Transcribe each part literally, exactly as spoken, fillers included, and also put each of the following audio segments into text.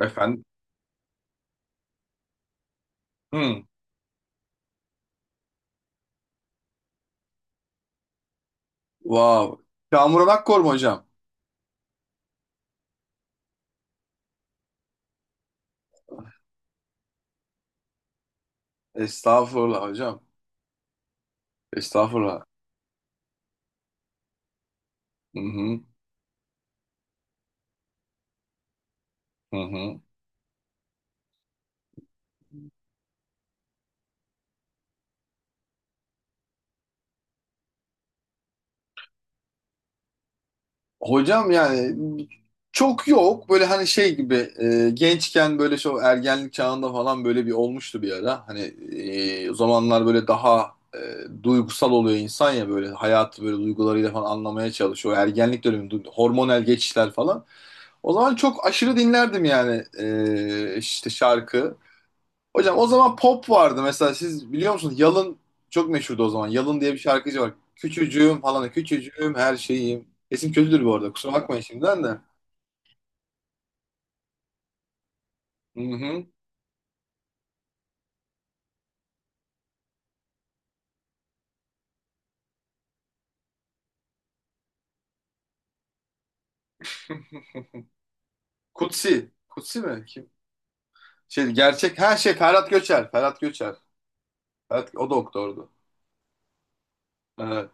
Efendim? Hmm. Wow. Kamuran Akkor mu hocam? Estağfurullah hocam. Estağfurullah. Hı hı. Hı hı. Hocam yani çok yok. Böyle hani şey gibi e, gençken böyle şu ergenlik çağında falan böyle bir olmuştu bir ara. Hani e, o zamanlar böyle daha e, duygusal oluyor insan ya böyle hayatı böyle duygularıyla falan anlamaya çalışıyor. O ergenlik dönemi du- hormonal geçişler falan. O zaman çok aşırı dinlerdim yani e, işte şarkı. Hocam o zaman pop vardı mesela siz biliyor musunuz? Yalın çok meşhurdu o zaman. Yalın diye bir şarkıcı var. Küçücüğüm falan küçücüğüm her şeyim. Esim kötüdür bu arada kusura bakmayın şimdiden de. Hı hı. Kutsi. Kutsi mi? Kim? Şey gerçek her şey Ferhat Göçer. Ferhat Göçer. Ferhat, o doktordu. Ee,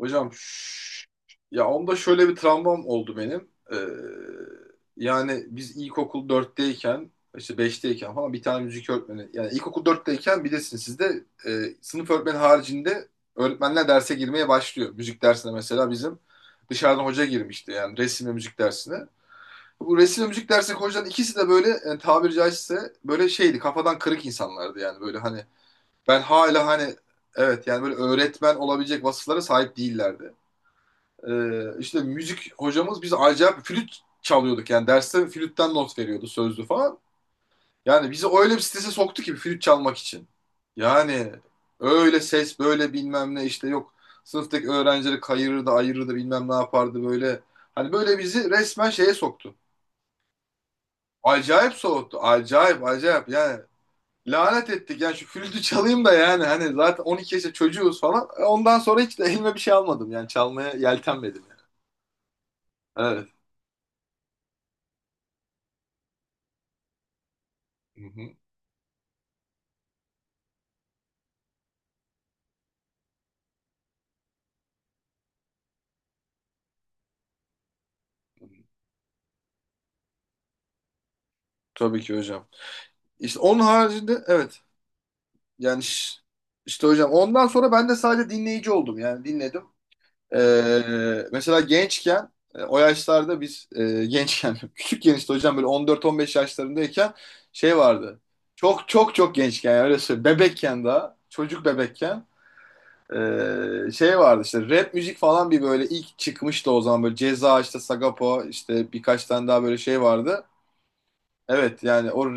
Hocam, şş, ya onda şöyle bir travmam oldu benim. Ee, yani biz ilkokul dörtteyken, işte beşteyken falan bir tane müzik öğretmeni, yani ilkokul dörtteyken bilirsiniz sizde e, sınıf öğretmeni haricinde öğretmenler derse girmeye başlıyor. Müzik dersine mesela bizim dışarıdan hoca girmişti, yani resim ve müzik dersine. Bu resim ve müzik dersindeki hocaların ikisi de böyle e, tabiri caizse böyle şeydi, kafadan kırık insanlardı yani. Böyle hani ben hala hani evet yani böyle öğretmen olabilecek vasıflara sahip değillerdi. Ee, işte müzik hocamız, biz acayip flüt çalıyorduk yani, derste flütten not veriyordu, sözlü falan. Yani bizi öyle bir strese soktu ki flüt çalmak için. Yani öyle ses böyle bilmem ne işte yok, sınıftaki öğrencileri kayırırdı, ayırırdı, bilmem ne yapardı böyle. Hani böyle bizi resmen şeye soktu. Acayip soğuttu, acayip acayip yani, lanet ettik yani şu flütü çalayım da, yani hani zaten on iki yaşında çocuğuz falan. E, Ondan sonra hiç de elime bir şey almadım yani, çalmaya yeltenmedim yani. Evet. Hı hı. Tabii ki hocam. İşte onun haricinde evet, yani ş- işte hocam ondan sonra ben de sadece dinleyici oldum yani, dinledim. Ee, mesela gençken e, o yaşlarda biz e, gençken küçükken işte hocam böyle on dört on beş yaşlarındayken şey vardı. Çok çok çok gençken, yani öyle söyleyeyim. Bebekken, daha çocuk bebekken e, şey vardı işte, rap müzik falan bir böyle ilk çıkmıştı o zaman, böyle Ceza işte, Sagapo işte, birkaç tane daha böyle şey vardı. Evet yani o,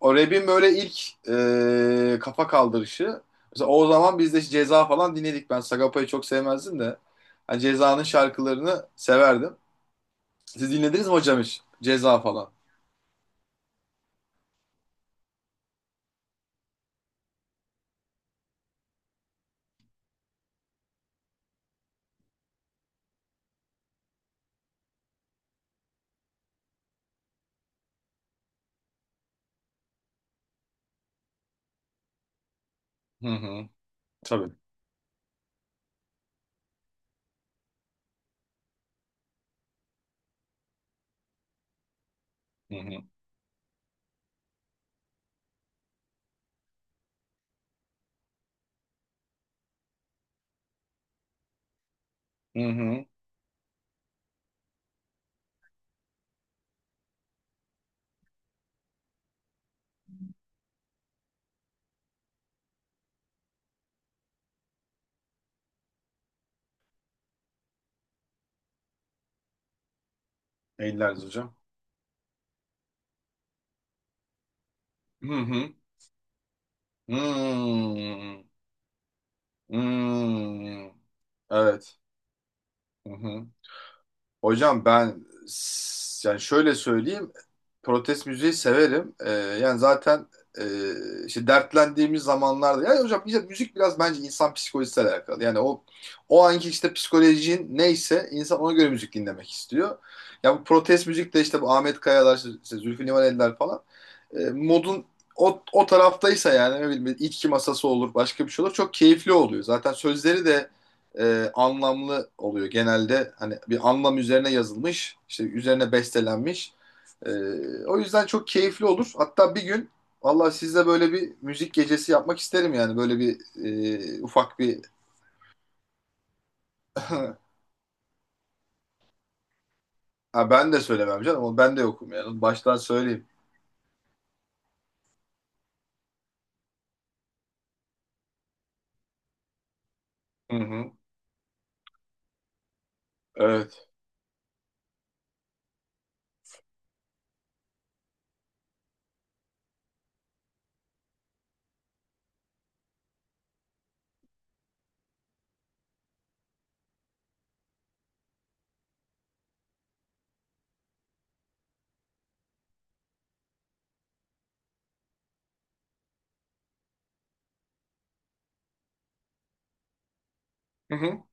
o rap'in böyle ilk e, kafa kaldırışı. Mesela o zaman biz de Ceza falan dinledik. Ben Sagopa'yı çok sevmezdim de. Hani Ceza'nın şarkılarını severdim. Siz dinlediniz mi hocam hiç? Ceza falan. Hı hı. Tabii. Hı hı. Hı hı. Eğiliriz hocam. Hı hı. Hmm. Hmm. Evet. Hı hı. Hocam ben s- yani şöyle söyleyeyim. Protest müziği severim. Ee, yani zaten e, işte dertlendiğimiz zamanlarda. Yani hocam, işte müzik biraz bence insan psikolojisiyle alakalı. Yani o o anki işte psikolojin neyse, insan ona göre müzik dinlemek istiyor. Ya bu protest müzik de işte, bu Ahmet Kayalar, işte, işte Zülfü Livaneliler falan. E, modun o, o taraftaysa, yani ne bileyim, içki masası olur, başka bir şey olur. Çok keyifli oluyor. Zaten sözleri de e, anlamlı oluyor. Genelde hani bir anlam üzerine yazılmış, işte üzerine bestelenmiş. Ee, o yüzden çok keyifli olur. Hatta bir gün valla sizle böyle bir müzik gecesi yapmak isterim yani. Böyle bir e, ufak bir... ha, ben de söylemem canım. Ben de yokum yani. Baştan söyleyeyim. Hı hı. Evet. Hı hı.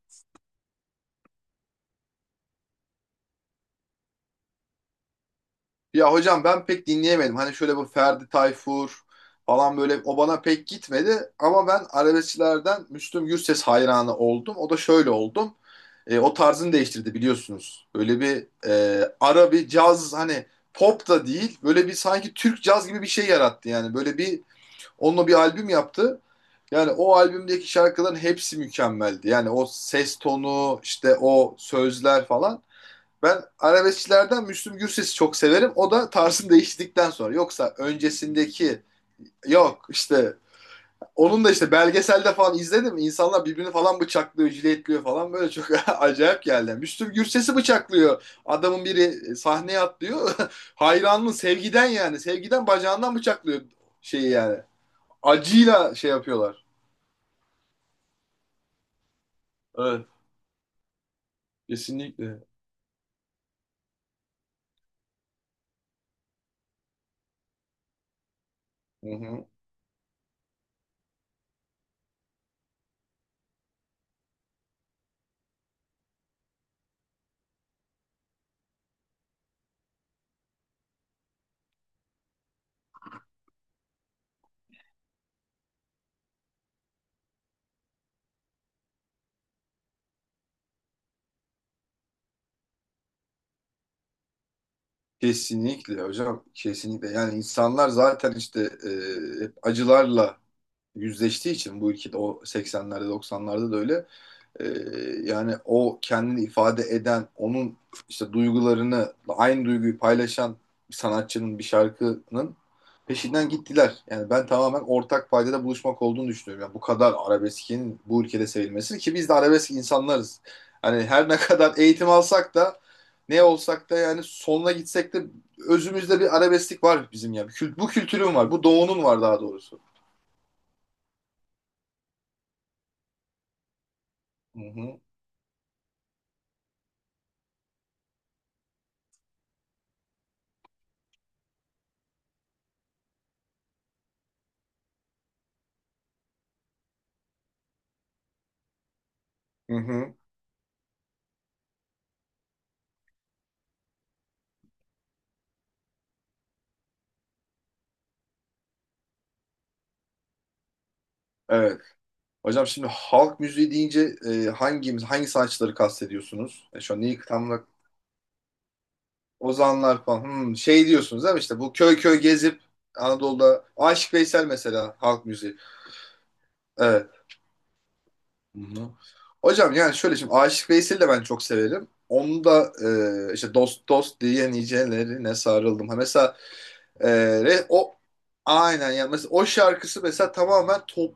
Ya hocam ben pek dinleyemedim. Hani şöyle bu Ferdi Tayfur falan böyle, o bana pek gitmedi. Ama ben arabeskçilerden Müslüm Gürses hayranı oldum. O da şöyle oldum: E, o tarzını değiştirdi, biliyorsunuz. Böyle bir e, ara bir caz, hani pop da değil. Böyle bir, sanki Türk caz gibi bir şey yarattı yani. Böyle bir, onunla bir albüm yaptı. Yani o albümdeki şarkıların hepsi mükemmeldi. Yani o ses tonu, işte o sözler falan. Ben arabeskçilerden Müslüm Gürses'i çok severim, o da tarzını değiştirdikten sonra. Yoksa öncesindeki, yok işte. Onun da işte belgeselde falan izledim. İnsanlar birbirini falan bıçaklıyor, jiletliyor falan, böyle çok acayip geldi. Müslüm Gürses'i bıçaklıyor adamın biri, e, sahneye atlıyor. Hayranlığın sevgiden yani. Sevgiden bacağından bıçaklıyor şeyi yani. Acıyla şey yapıyorlar. Evet, kesinlikle. Hı hı. Kesinlikle hocam, kesinlikle. Yani insanlar zaten işte e, hep acılarla yüzleştiği için bu ülkede, o seksenlerde doksanlarda da öyle. Ee, yani o kendini ifade eden, onun işte duygularını, aynı duyguyu paylaşan bir sanatçının, bir şarkının peşinden gittiler. Yani ben tamamen ortak paydada buluşmak olduğunu düşünüyorum. Yani bu kadar arabeskin bu ülkede sevilmesi, ki biz de arabesk insanlarız. Hani her ne kadar eğitim alsak da, ne olsak da, yani sonuna gitsek de özümüzde bir arabesklik var bizim yani. Kült, bu kültürün var. Bu doğunun var, daha doğrusu. Hı hı. Hı hı. Evet. Hocam şimdi halk müziği deyince e, hangimiz hangi sanatçıları kastediyorsunuz? E, şu an neyi tam olarak... Ozanlar falan, hmm, şey diyorsunuz değil mi? İşte bu köy köy gezip Anadolu'da, Aşık Veysel mesela halk müziği. Evet. Hı-hı. Hocam, yani şöyle, şimdi Aşık Veysel'i de ben çok severim. Onu da e, işte dost dost diye nicelerine sarıldım. Ha, mesela e, re- o, aynen yani, mesela o şarkısı mesela tamamen top-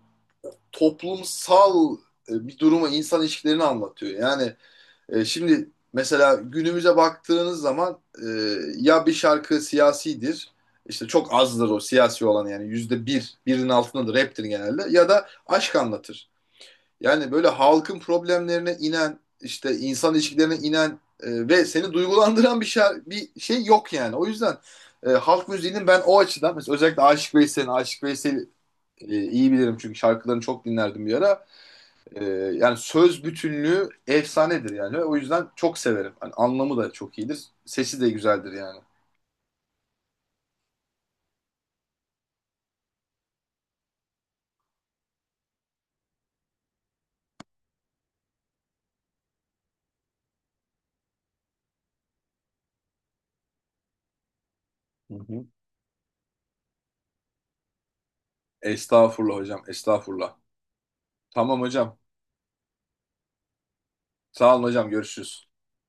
toplumsal e, bir durumu, insan ilişkilerini anlatıyor. Yani E, şimdi mesela günümüze baktığınız zaman e, ya bir şarkı siyasidir, işte çok azdır o siyasi olan, yani yüzde bir, birinin altındadır, raptir genelde, ya da aşk anlatır. Yani böyle halkın problemlerine inen, işte insan ilişkilerine inen e, ve seni duygulandıran bir şey, bir şey yok yani. O yüzden e, halk müziğinin ben o açıdan mesela, özellikle Aşık Veysel'in, Aşık Veysel'i e, iyi bilirim, çünkü şarkılarını çok dinlerdim bir ara. Ee, yani söz bütünlüğü efsanedir yani. O yüzden çok severim. Hani anlamı da çok iyidir, sesi de güzeldir yani. Hı hı. Estağfurullah hocam, estağfurullah. Tamam hocam. Sağ olun hocam, görüşürüz.